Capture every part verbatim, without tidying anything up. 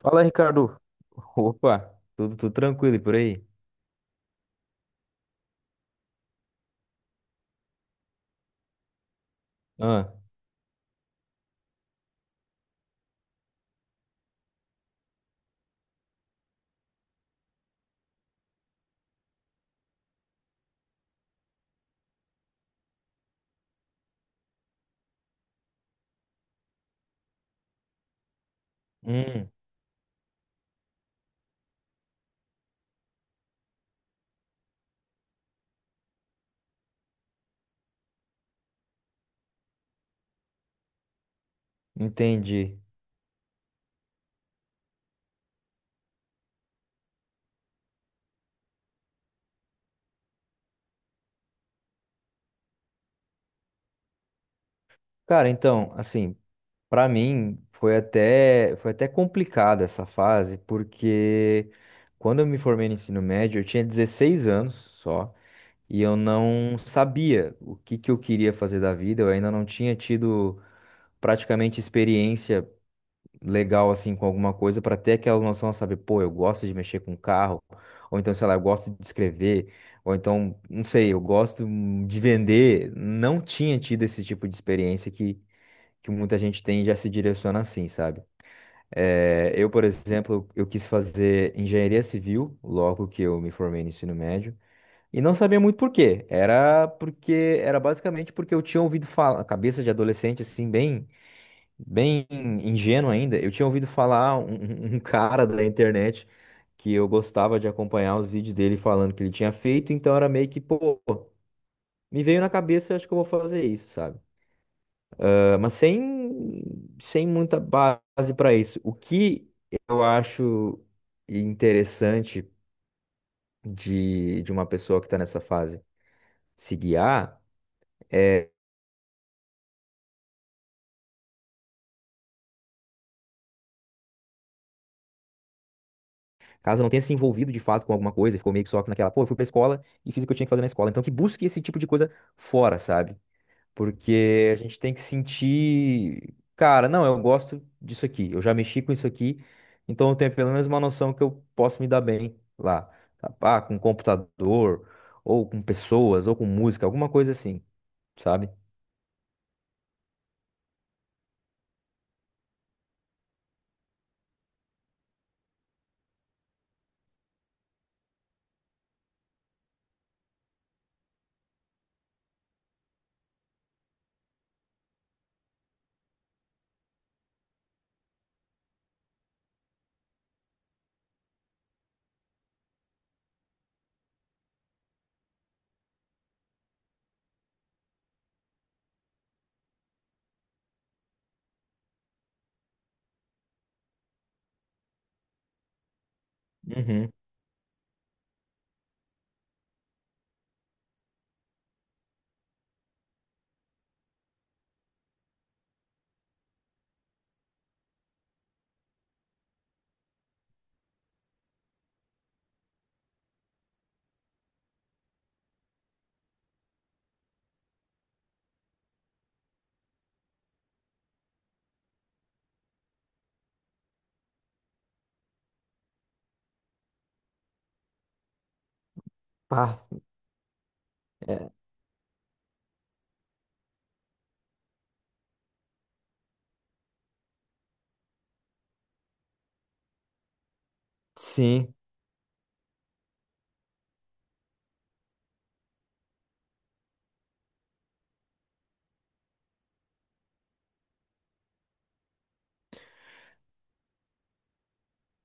Fala, Ricardo. Opa, tudo, tudo tranquilo e por aí? Ah, hum, entendi. Cara, então, assim, pra mim foi até foi até complicada essa fase, porque quando eu me formei no ensino médio, eu tinha dezesseis anos só, e eu não sabia o que que eu queria fazer da vida, eu ainda não tinha tido praticamente experiência legal assim com alguma coisa para ter aquela noção, sabe, pô, eu gosto de mexer com carro, ou então, sei lá, eu gosto de escrever, ou então, não sei, eu gosto hum, de vender. Não tinha tido esse tipo de experiência que, que muita gente tem e já se direciona assim, sabe? Eh, eu, por exemplo, eu quis fazer engenharia civil logo que eu me formei no ensino médio. E não sabia muito por quê. Era porque era basicamente porque eu tinha ouvido falar, cabeça de adolescente assim, bem bem ingênuo ainda, eu tinha ouvido falar um, um um cara da internet que eu gostava de acompanhar os vídeos dele falando que ele tinha feito, então era meio que, pô, me veio na cabeça, acho que eu vou fazer isso, sabe? Ah, mas sem, sem muita base para isso. O que eu acho interessante de, de uma pessoa que está nessa fase se guiar é, caso não tenha se envolvido de fato com alguma coisa, ficou meio que só naquela, pô, eu fui pra escola e fiz o que eu tinha que fazer na escola. Então que busque esse tipo de coisa fora, sabe? Porque a gente tem que sentir, cara, não, eu gosto disso aqui, eu já mexi com isso aqui, então eu tenho pelo menos uma noção que eu posso me dar bem lá, tá? Ah, com computador, ou com pessoas, ou com música, alguma coisa assim, sabe? Uhum. Ah, é, sim,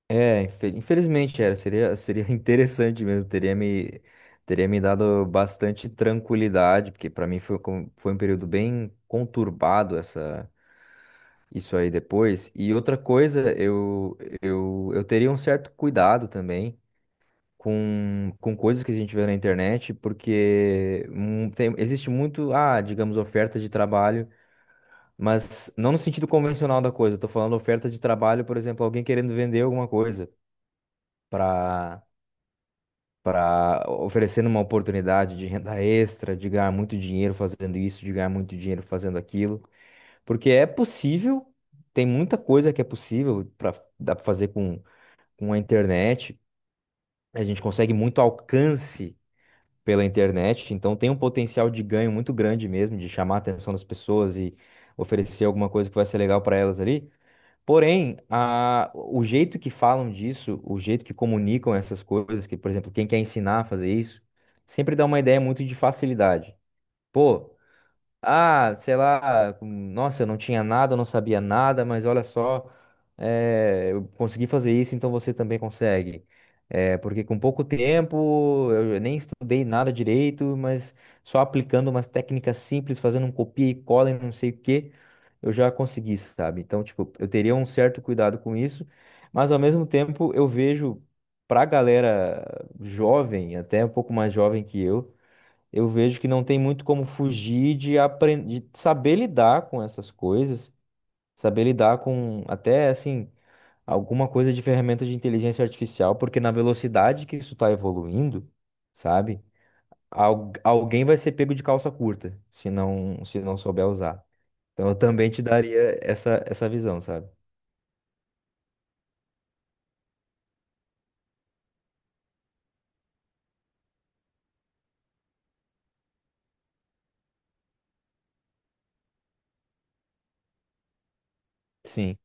é, infe- infelizmente era, seria, seria interessante mesmo, teria me, teria me dado bastante tranquilidade, porque para mim foi, com- foi um período bem conturbado essa. Isso aí depois. E outra coisa, eu, eu, eu teria um certo cuidado também com, com coisas que a gente vê na internet, porque hum, tem- existe muito, ah, digamos, oferta de trabalho, mas não no sentido convencional da coisa. Eu tô falando oferta de trabalho, por exemplo, alguém querendo vender alguma coisa para para oferecendo uma oportunidade de renda extra, de ganhar muito dinheiro fazendo isso, de ganhar muito dinheiro fazendo aquilo. Porque é possível, tem muita coisa que é possível para dá para fazer com, com a internet. A gente consegue muito alcance pela internet, então tem um potencial de ganho muito grande mesmo, de chamar a atenção das pessoas e oferecer alguma coisa que vai ser legal para elas ali. Porém, a, o jeito que falam disso, o jeito que comunicam essas coisas, que, por exemplo, quem quer ensinar a fazer isso, sempre dá uma ideia muito de facilidade. Pô, ah, sei lá, com- nossa, eu não tinha nada, eu não sabia nada, mas olha só, eh, eu consegui fazer isso, então você também consegue. Eh, porque com pouco tempo, eu nem estudei nada direito, mas só aplicando umas técnicas simples, fazendo um copia e cola e não sei o quê, eu já consegui, sabe? Então, tipo, eu teria um certo cuidado com isso, mas ao mesmo tempo eu vejo pra galera jovem, até um pouco mais jovem que eu, eu vejo que não tem muito como fugir de aprender, de saber lidar com essas coisas, saber lidar com até assim alguma coisa de ferramenta de inteligência artificial, porque na velocidade que isso está evoluindo, sabe? Al- alguém vai ser pego de calça curta se não se não souber usar. Então eu também te daria essa essa visão, sabe? Sim.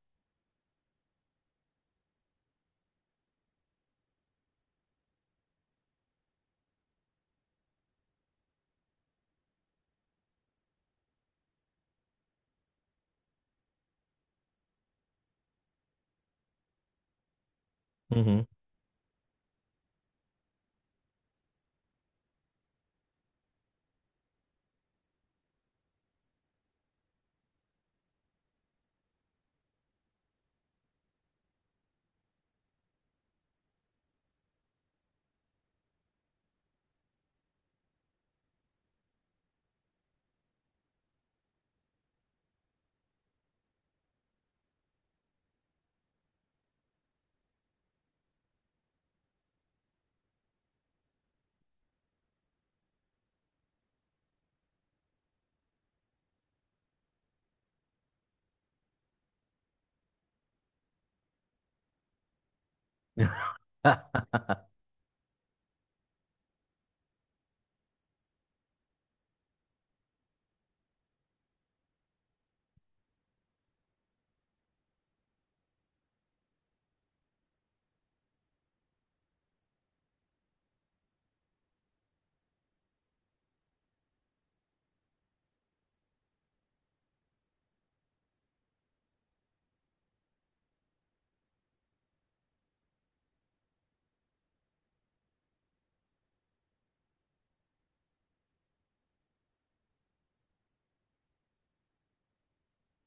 Uhum.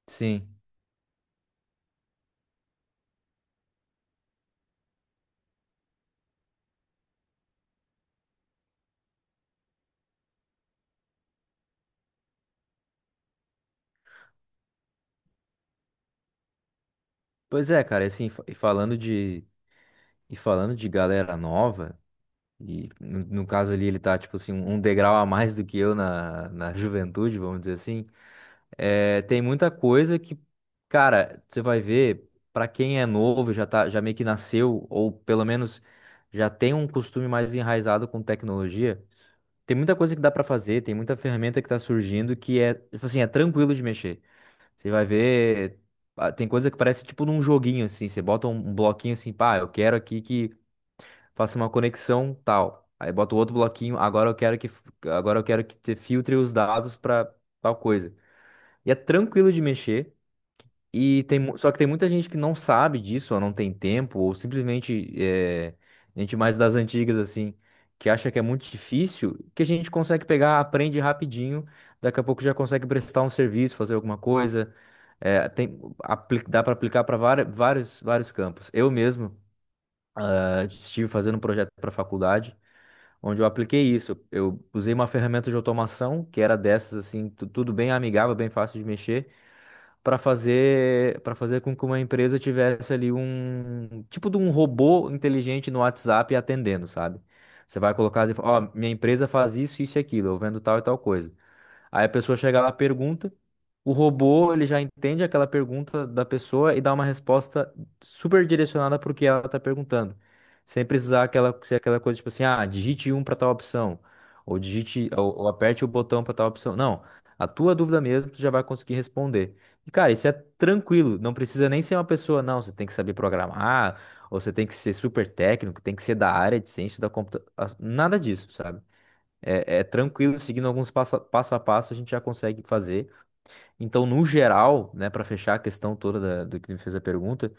Sim. Pois é, cara, assim, fa- e falando de e falando de galera nova. E no, no caso ali, ele tá, tipo assim, um um degrau a mais do que eu na, na juventude, vamos dizer assim. É, tem muita coisa que, cara, você vai ver, pra quem é novo, já tá, já meio que nasceu, ou pelo menos já tem um costume mais enraizado com tecnologia, tem muita coisa que dá pra fazer, tem muita ferramenta que tá surgindo que é, tipo assim, é tranquilo de mexer. Você vai ver, ah, tem coisa que parece tipo num joguinho, assim, você bota um, um bloquinho assim, pá, eu quero aqui que faça uma conexão tal. Aí bota o outro bloquinho, agora eu quero que agora eu quero que te filtre os dados para tal coisa. E é tranquilo de mexer e tem mu- só que tem muita gente que não sabe disso, ou não tem tempo, ou simplesmente é, gente mais das antigas assim, que acha que é muito difícil, que a gente consegue pegar, aprende rapidinho, daqui a pouco já consegue prestar um serviço, fazer alguma coisa. É, tem, apli- dá para aplicar para vários, vários campos. Eu mesmo, eh, estive fazendo um projeto para faculdade onde eu apliquei isso. Eu usei uma ferramenta de automação que era dessas assim, tu- tudo bem amigável, bem fácil de mexer, para fazer para fazer com que uma empresa tivesse ali um tipo de um robô inteligente no WhatsApp atendendo, sabe? Você vai colocar, as info- ó, minha empresa faz isso, isso e aquilo, eu vendo tal e tal coisa. Aí a pessoa chega lá, pergunta, o robô ele já entende aquela pergunta da pessoa e dá uma resposta super direcionada para o que ela está perguntando. Sem precisar aquela, ser aquela coisa tipo assim, ah, digite um para tal opção, ou digite, ou, ou aperte o botão para tal opção. Não, a tua dúvida mesmo, tu já vai conseguir responder. E cara, isso é tranquilo, não precisa nem ser uma pessoa, não, você tem que saber programar, ou você tem que ser super técnico, tem que ser da área de ciência da computação, nada disso, sabe? É, é tranquilo, seguindo alguns passo, a- passo a passo, a gente já consegue fazer. Então, no geral, né, para fechar a questão toda da- do que me fez a pergunta,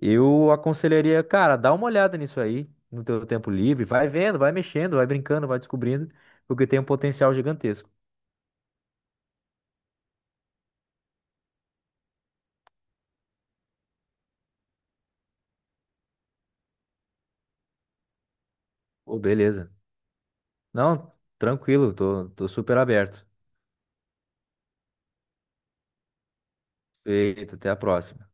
eu aconselharia, cara, dá uma olhada nisso aí, no teu tempo livre, vai vendo, vai mexendo, vai brincando, vai descobrindo, porque tem um potencial gigantesco. Pô, beleza. Não, tranquilo, tô, tô super aberto. Feito, até a próxima.